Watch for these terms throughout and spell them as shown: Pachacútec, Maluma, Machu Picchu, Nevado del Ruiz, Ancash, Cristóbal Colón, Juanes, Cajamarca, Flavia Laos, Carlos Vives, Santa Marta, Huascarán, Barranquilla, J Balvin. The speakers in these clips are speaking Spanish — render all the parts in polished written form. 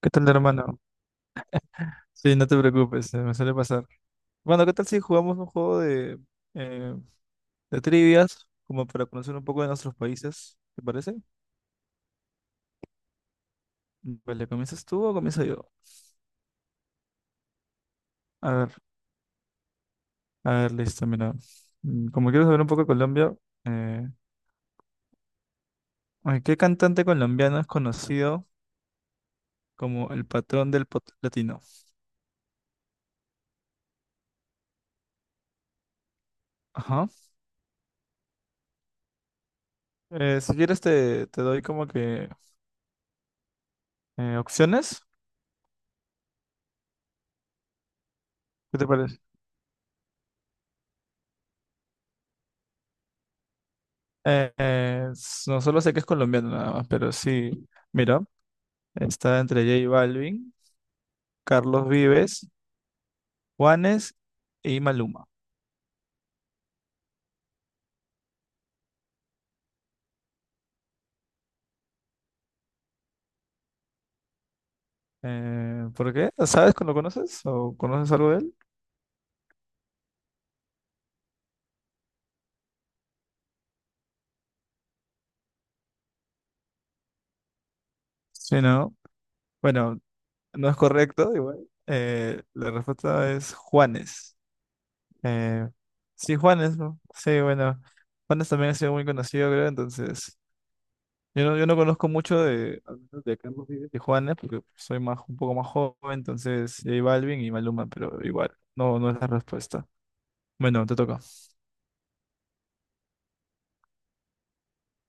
¿Qué tal, hermano? Sí, no te preocupes, me suele pasar. Bueno, ¿qué tal si jugamos un juego eh, de trivias, como para conocer un poco de nuestros países? ¿Te parece? Vale, ¿comienzas tú o comienzo yo? A ver, a ver, listo, mira. Como quiero saber un poco de Colombia, eh, ay, ¿qué cantante colombiano es conocido como el patrón del pop latino? Ajá. Si quieres te doy como que opciones. ¿Qué te parece? No solo sé que es colombiano nada más, pero sí. Mira. Está entre J Balvin, Carlos Vives, Juanes y Maluma. ¿Por qué? ¿Sabes? Cuando. ¿Lo conoces? ¿O conoces algo de él? Sí, no. Bueno, no es correcto, igual. La respuesta es Juanes. Eh, sí, Juanes, ¿no? Sí, bueno. Juanes también ha sido muy conocido, creo, entonces. Yo no conozco mucho de, al menos de Carlos Vives y Juanes, porque soy más, un poco más joven, entonces J Balvin y Maluma, pero igual, no, no es la respuesta. Bueno, te toca.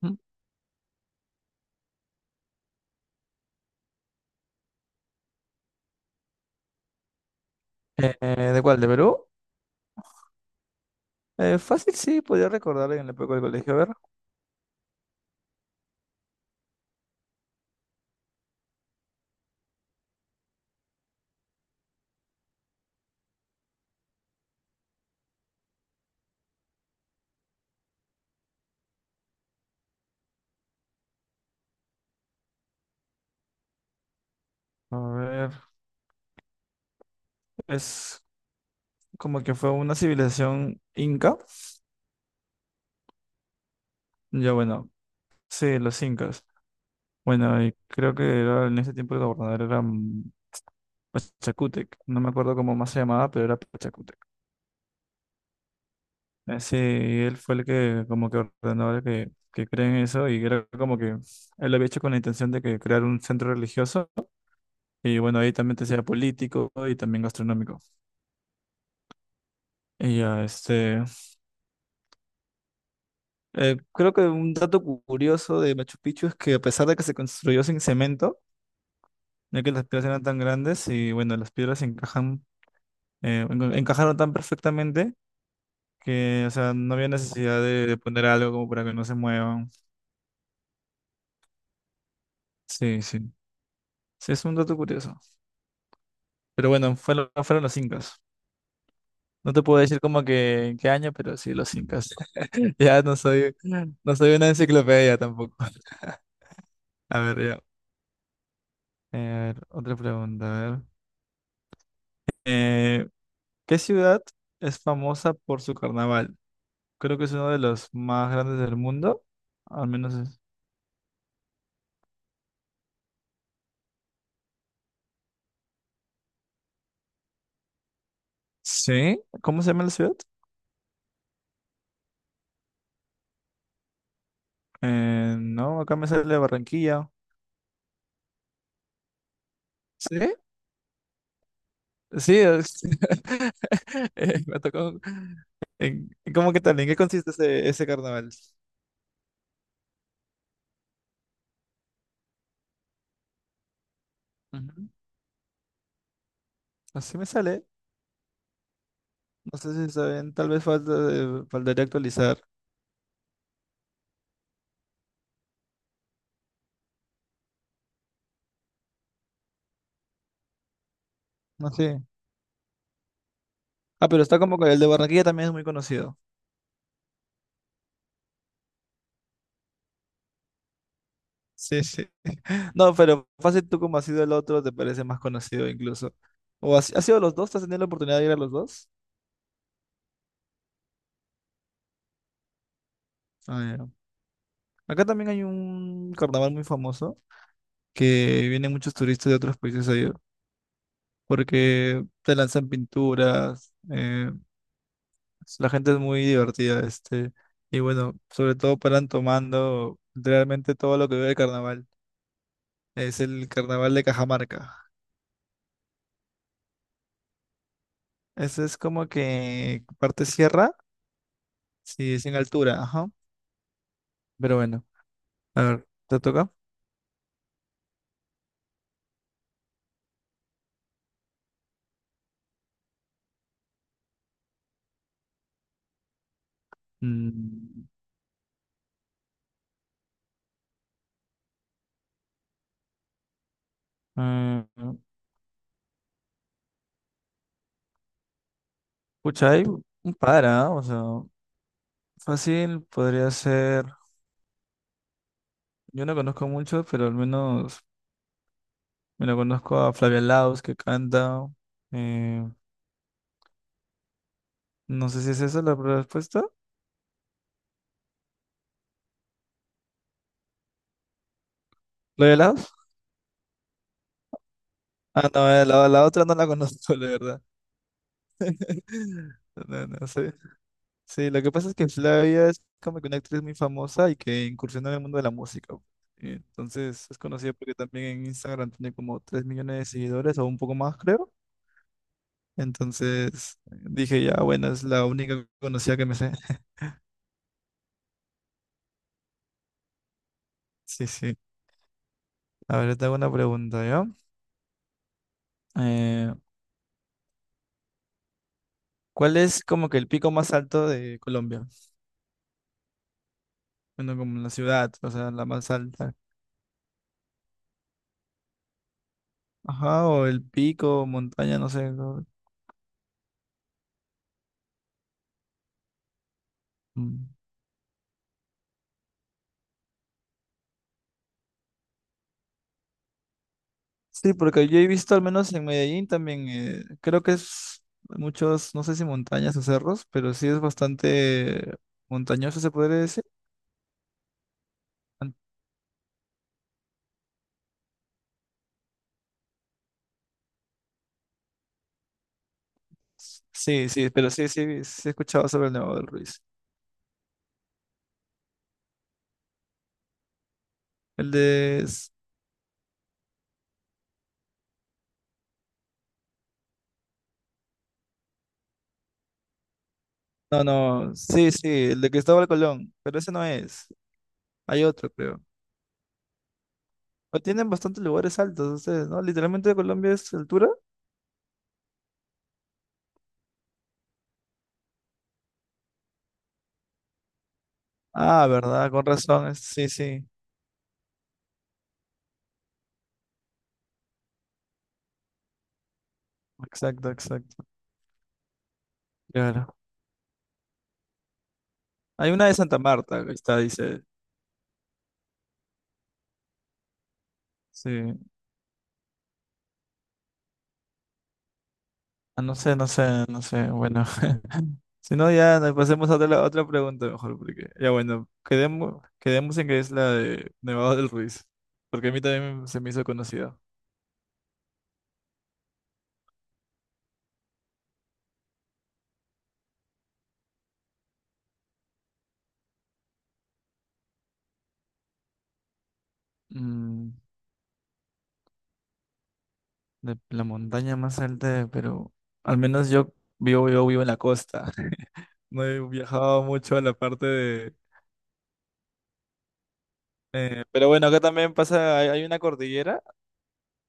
¿Mm? ¿De cuál? ¿De Perú? Fácil, sí, podía recordar en la época del colegio. A ver, es como que fue una civilización inca. Ya bueno, sí, los incas. Bueno, y creo que era, en ese tiempo el gobernador era Pachacútec. No me acuerdo cómo más se llamaba, pero era Pachacútec. Sí, y él fue el que como que ordenó a que creen eso y era como que él lo había hecho con la intención de que crear un centro religioso y bueno, ahí también te sea político y también gastronómico. Y ya, este. Creo que un dato curioso de Machu Picchu es que a pesar de que se construyó sin cemento, ya que las piedras eran tan grandes y bueno, las piedras encajan, encajaron tan perfectamente que, o sea, no había necesidad de poner algo como para que no se muevan. Sí, sí. Sí, es un dato curioso. Pero bueno, fueron los incas. No te puedo decir como que en qué año, pero sí, los incas. Ya no soy, no soy una enciclopedia tampoco. A ver, ya. A ver, otra pregunta, a ver. Eh, ¿Qué ciudad es famosa por su carnaval? Creo que es uno de los más grandes del mundo. Al menos ¿sí? ¿Cómo se llama la ciudad? No, acá me sale Barranquilla. ¿Sí? Sí, me tocó. ¿Cómo que tal? ¿En qué consiste ese carnaval? Ujú. Así me sale. No sé si saben, tal vez falta, faltaría actualizar. No sé. Ah, pero está como que el de Barranquilla también es muy conocido. Sí, sí. No, pero fácil tú como has sido el otro, te parece más conocido incluso. ¿O has sido los dos? ¿Te has tenido la oportunidad de ir a los dos? Ah, ya. Acá también hay un carnaval muy famoso que vienen muchos turistas de otros países ahí, porque te lanzan pinturas, la gente es muy divertida, este, y bueno, sobre todo paran tomando realmente todo lo que ve el carnaval. Es el carnaval de Cajamarca. Ese es como que parte sierra, sí, es en altura, ajá. Pero bueno, a ver, ¿te toca? Mm, eh, pucha, hay un par, ¿ah? O sea, fácil podría ser. Yo no conozco mucho, pero al menos me lo conozco a Flavia Laos que canta. eh, no sé si es esa la respuesta. ¿Flavia Laos? Ah, no, la, la otra no la conozco, la verdad. No, no sé. Sí, lo que pasa es que Flavia es como que una actriz muy famosa y que incursionó en el mundo de la música. Entonces es conocida porque también en Instagram tiene como 3 millones de seguidores o un poco más, creo. Entonces dije, ya, bueno, es la única conocida que me sé. Sí, sí. A ver, te hago una pregunta, ¿ya? Eh, ¿Cuál es como que el pico más alto de Colombia? Bueno, como la ciudad, o sea, la más alta. Ajá, o el pico, montaña, no sé, ¿no? Mm. Sí, porque yo he visto al menos en Medellín también, creo que es muchos, no sé si montañas o cerros, pero sí es bastante montañoso, se podría decir. An- Sí, sí, pero sí, sí, sí he escuchado sobre el Nevado del Ruiz. El de. No, no, sí, sí, el de Cristóbal Colón, pero ese no es. Hay otro, creo. Pero tienen bastantes lugares altos ustedes, ¿no? Literalmente Colombia es altura. Ah, verdad, con razón, sí, sí. Exacto, exacto. Claro. Hay una de Santa Marta, que está, dice. Sí. Ah, no sé, no sé, no sé. Bueno, si no, ya nos pasemos a otra pregunta mejor, porque ya bueno, quedemos, quedemos en que es la de Nevado del Ruiz, porque a mí también se me hizo conocida. Mm, de la montaña más alta de Perú. Al menos yo vivo en la costa. No he viajado mucho a la parte de. Pero bueno, acá también pasa, hay una cordillera,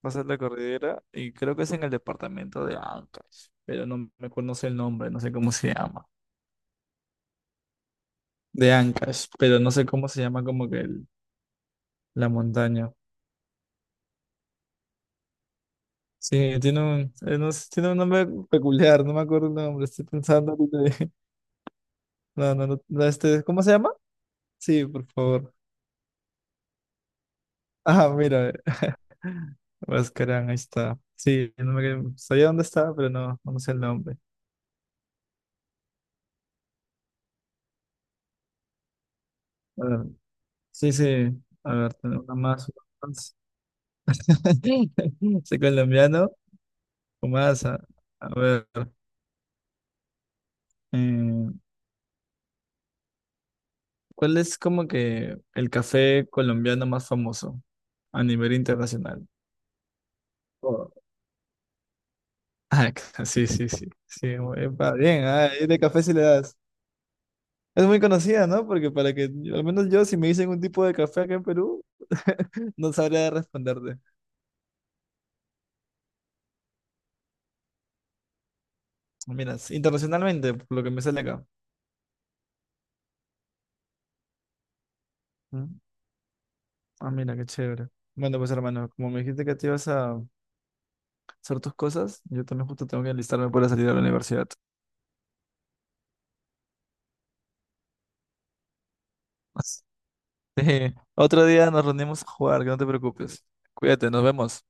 pasa la cordillera, y creo que es en el departamento de Ancash, pero no me acuerdo, no sé el nombre, no sé cómo se llama. De Ancash, pero no sé cómo se llama como que la montaña. Sí, tiene un, no sé, tiene un nombre peculiar, no me acuerdo el nombre, estoy pensando ahorita No, no, no, no, este, ¿cómo se llama? Sí, por favor. Ah, mira, Huascarán, ahí está. Sí, no me, sabía dónde estaba, pero no, no sé el nombre. A ver, sí, sí, a ver, tengo una más. Una más. Soy colombiano, o más, a ver. eh, ¿Cuál es como que el café colombiano más famoso a nivel internacional? Oh. Ah, sí, sí, sí, sí, muy bien, ah, y de café sí le das. Es muy conocida, ¿no? Porque para que, al menos yo, si me dicen un tipo de café acá en Perú, no sabría responderte. Mira, internacionalmente, por lo que me sale acá. Mm. Ah, mira, qué chévere. Bueno, pues hermano, como me dijiste que te ibas a hacer tus cosas, yo también justo tengo que enlistarme para salir a la universidad. Sí. Otro día nos reunimos a jugar, que no te preocupes. Cuídate, nos vemos.